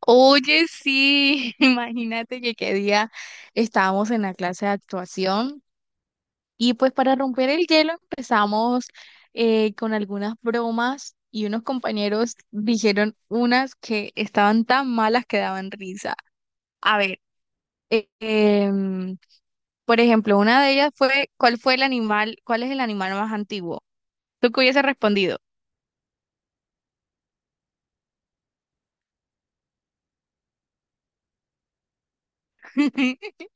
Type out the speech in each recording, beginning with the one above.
Oye, sí, imagínate que qué día estábamos en la clase de actuación y pues para romper el hielo empezamos con algunas bromas y unos compañeros dijeron unas que estaban tan malas que daban risa. A ver, eh, em, por ejemplo, una de ellas fue, ¿cuál fue el animal, cuál es el animal más antiguo? ¿Tú qué hubiese respondido?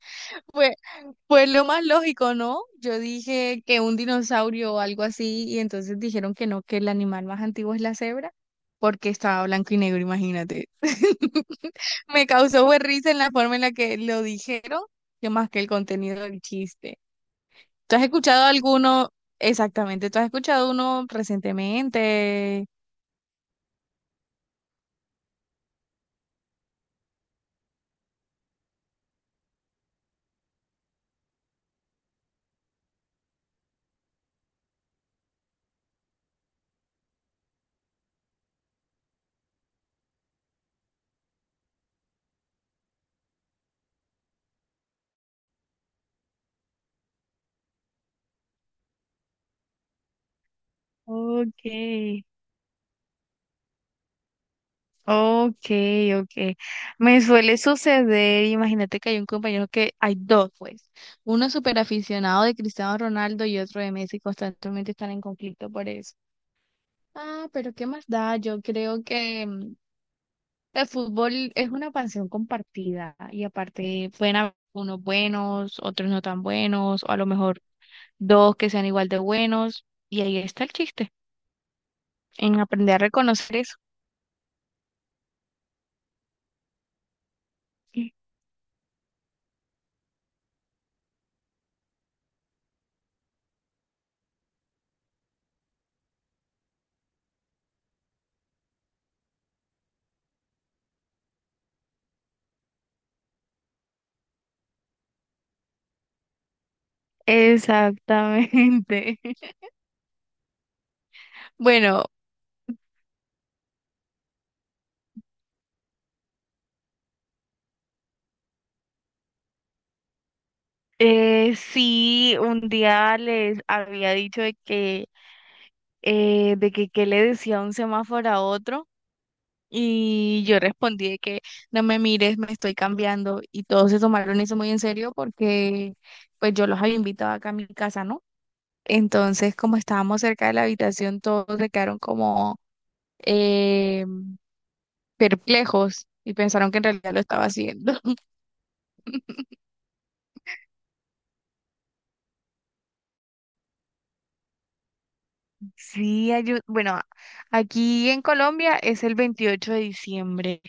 Pues lo más lógico, ¿no? Yo dije que un dinosaurio o algo así, y entonces dijeron que no, que el animal más antiguo es la cebra, porque estaba blanco y negro, imagínate. Me causó fue risa en la forma en la que lo dijeron, que más que el contenido del chiste. ¿Tú has escuchado alguno? Exactamente, ¿tú has escuchado uno recientemente? Ok. Okay, okay. Me suele suceder, imagínate que hay un compañero que hay dos, pues, uno súper aficionado de Cristiano Ronaldo y otro de Messi, constantemente están en conflicto por eso. Ah, pero qué más da, yo creo que el fútbol es una pasión compartida y aparte pueden haber unos buenos, otros no tan buenos, o a lo mejor dos que sean igual de buenos, y ahí está el chiste, en aprender a reconocer eso. Exactamente. Bueno, eh, sí, un día les había dicho de que qué le decía un semáforo a otro y yo respondí de que no me mires, me estoy cambiando y todos se tomaron eso muy en serio porque pues yo los había invitado acá a mi casa, ¿no? Entonces, como estábamos cerca de la habitación, todos se quedaron como eh, perplejos y pensaron que en realidad lo estaba haciendo. Sí, bueno, aquí en Colombia es el 28 de diciembre.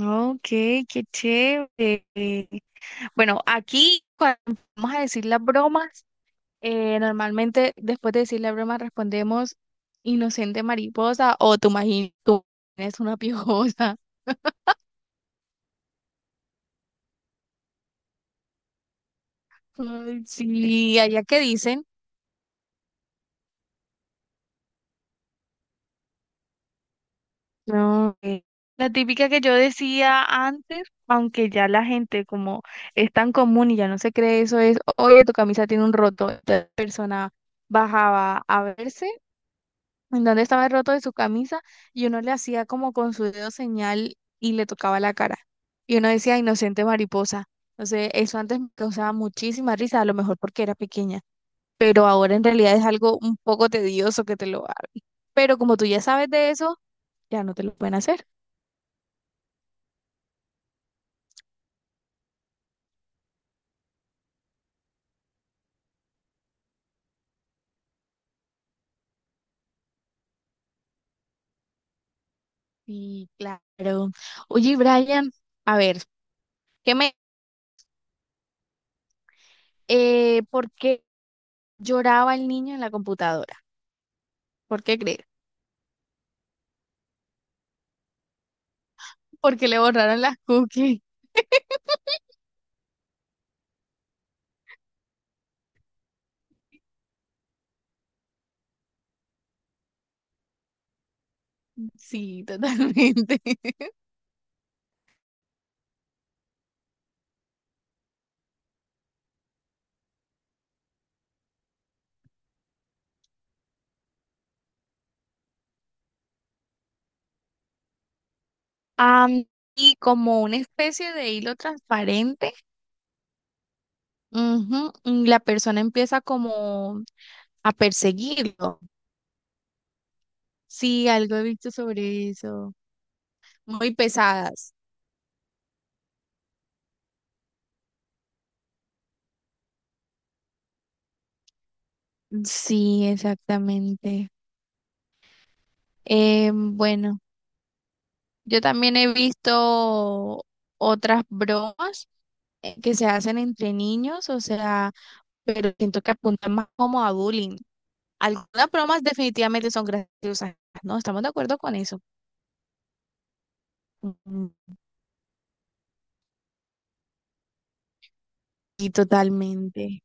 Ok, qué chévere. Bueno, aquí cuando vamos a decir las bromas, normalmente después de decir la broma respondemos inocente mariposa o tú imaginas, tú eres una piojosa. Ay, sí, allá que dicen. No, la típica que yo decía antes, aunque ya la gente como es tan común y ya no se cree eso, es, oye, tu camisa tiene un roto. Entonces, la persona bajaba a verse en donde estaba el roto de su camisa y uno le hacía como con su dedo señal y le tocaba la cara. Y uno decía, inocente mariposa. Entonces, eso antes me causaba muchísima risa, a lo mejor porque era pequeña, pero ahora en realidad es algo un poco tedioso que te lo hagan. Pero como tú ya sabes de eso, ya no te lo pueden hacer. Sí, claro. Oye, Brian, a ver, ¿qué me, ¿por qué lloraba el niño en la computadora? ¿Por qué crees? Porque le borraron las cookies. Sí, totalmente. Am, y como una especie de hilo transparente, ujú, y la persona empieza como a perseguirlo. Sí, algo he visto sobre eso. Muy pesadas. Sí, exactamente. Bueno, yo también he visto otras bromas que se hacen entre niños, o sea... pero siento que apunta más como a bullying. Algunas bromas definitivamente son graciosas, ¿no? Estamos de acuerdo con eso. Mm, y totalmente,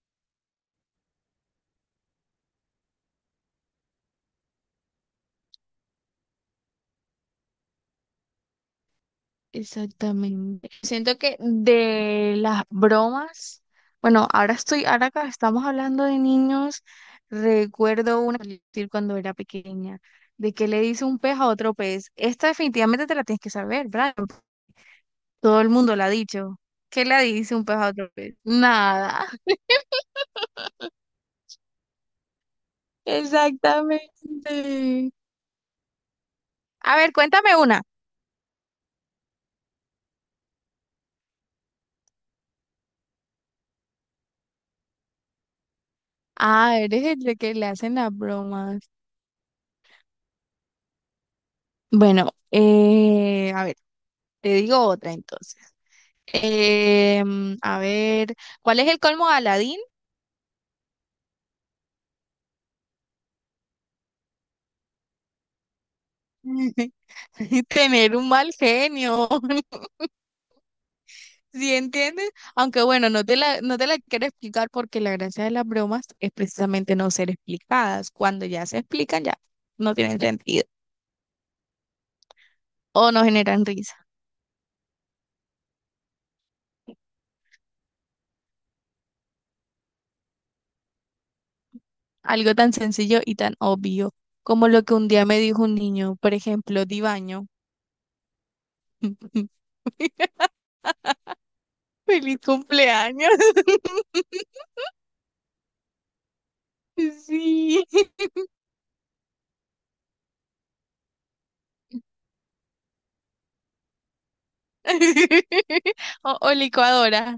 exactamente. Siento que de las bromas, bueno, ahora acá estamos hablando de niños, recuerdo una que decir cuando era pequeña, de que le dice un pez a otro pez. Esta definitivamente te la tienes que saber, ¿verdad? Todo el mundo la ha dicho. ¿Qué le dice un pez a otro pez? Nada. Exactamente. A ver, cuéntame una. Ah, eres el de que le hacen las bromas. Bueno, a ver, te digo otra entonces. A ver, ¿cuál es el colmo de Aladín? Tener un mal genio, ¿sí entiendes? Aunque bueno, no te la quiero explicar porque la gracia de las bromas es precisamente no ser explicadas. Cuando ya se explican, ya no tienen sentido o no generan risa. Algo tan sencillo y tan obvio como lo que un día me dijo un niño, por ejemplo, Dibaño. ¡Feliz cumpleaños! Sí. O, o licuadora.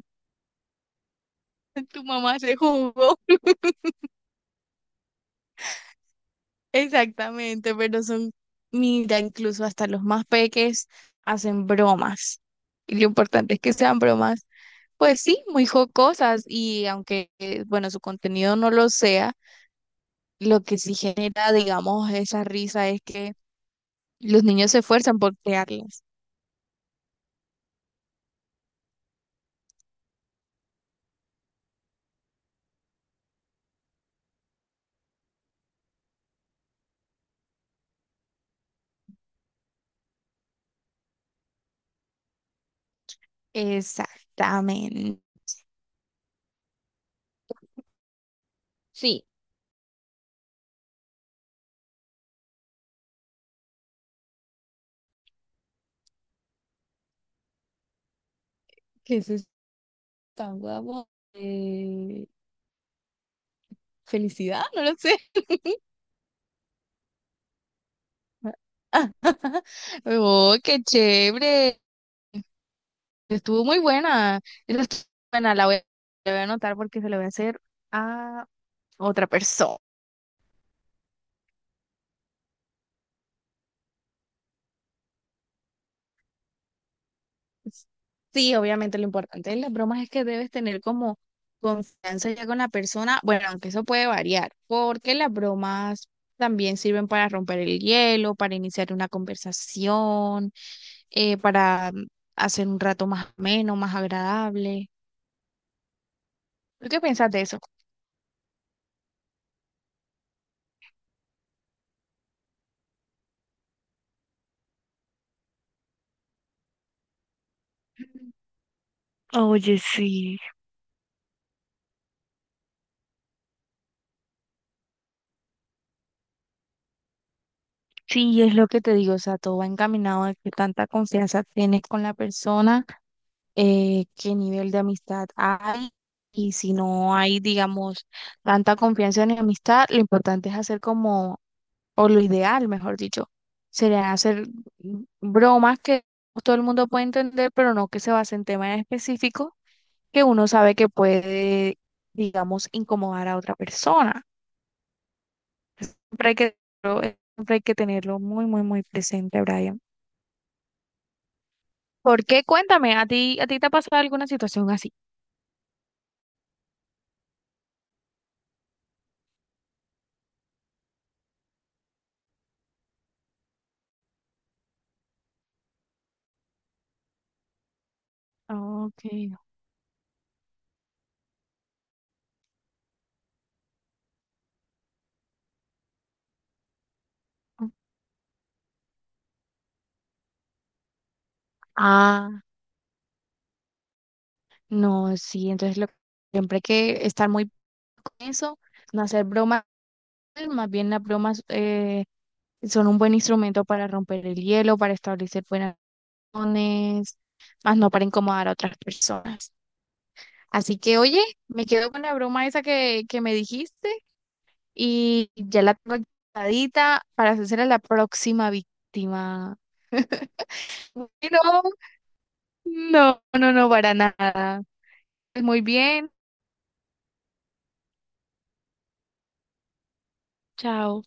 Tu mamá hace jugo. Exactamente, pero son, mira, incluso hasta los más peques hacen bromas. Y lo importante es que sean bromas, pues sí, muy jocosas y aunque, bueno, su contenido no lo sea. Lo que sí genera, digamos, esa risa es que los niños se esfuerzan por crearlas. Exactamente. Sí, que eso es tan guapo. Eh, Felicidad, no lo sé. Oh, qué chévere. Estuvo muy buena. Esa estuvo buena, la voy a anotar porque se la voy a hacer a otra persona. Sí, obviamente lo importante de las bromas es que debes tener como confianza ya con la persona, bueno, aunque eso puede variar, porque las bromas también sirven para romper el hielo, para iniciar una conversación, eh, para mm, hacer un rato más ameno, más agradable. ¿Tú qué piensas de eso? Oye, sí, sí, es lo que te digo, o sea, todo va encaminado a que tanta confianza tienes con la persona qué nivel de amistad hay y si no hay, digamos, tanta confianza ni amistad, lo importante es hacer como, o lo ideal, mejor dicho, sería hacer bromas que todo el mundo puede entender, pero no que se base en temas específicos que uno sabe que puede, digamos, incomodar a otra persona. Siempre hay que, siempre hay que tenerlo muy, muy, muy presente, Brian. ¿Por qué? Cuéntame, a ti te ha pasado alguna situación así? Ok. Ah. No, sí, siempre hay que estar muy con eso, no hacer bromas, más bien las bromas son un buen instrumento para romper el hielo, para establecer buenas relaciones, más no para incomodar a otras personas. Así que, oye, me quedo con la broma esa que me dijiste y ya la tengo guardadita para hacer a la próxima víctima. No, no, no, no, para nada. Muy bien, chao.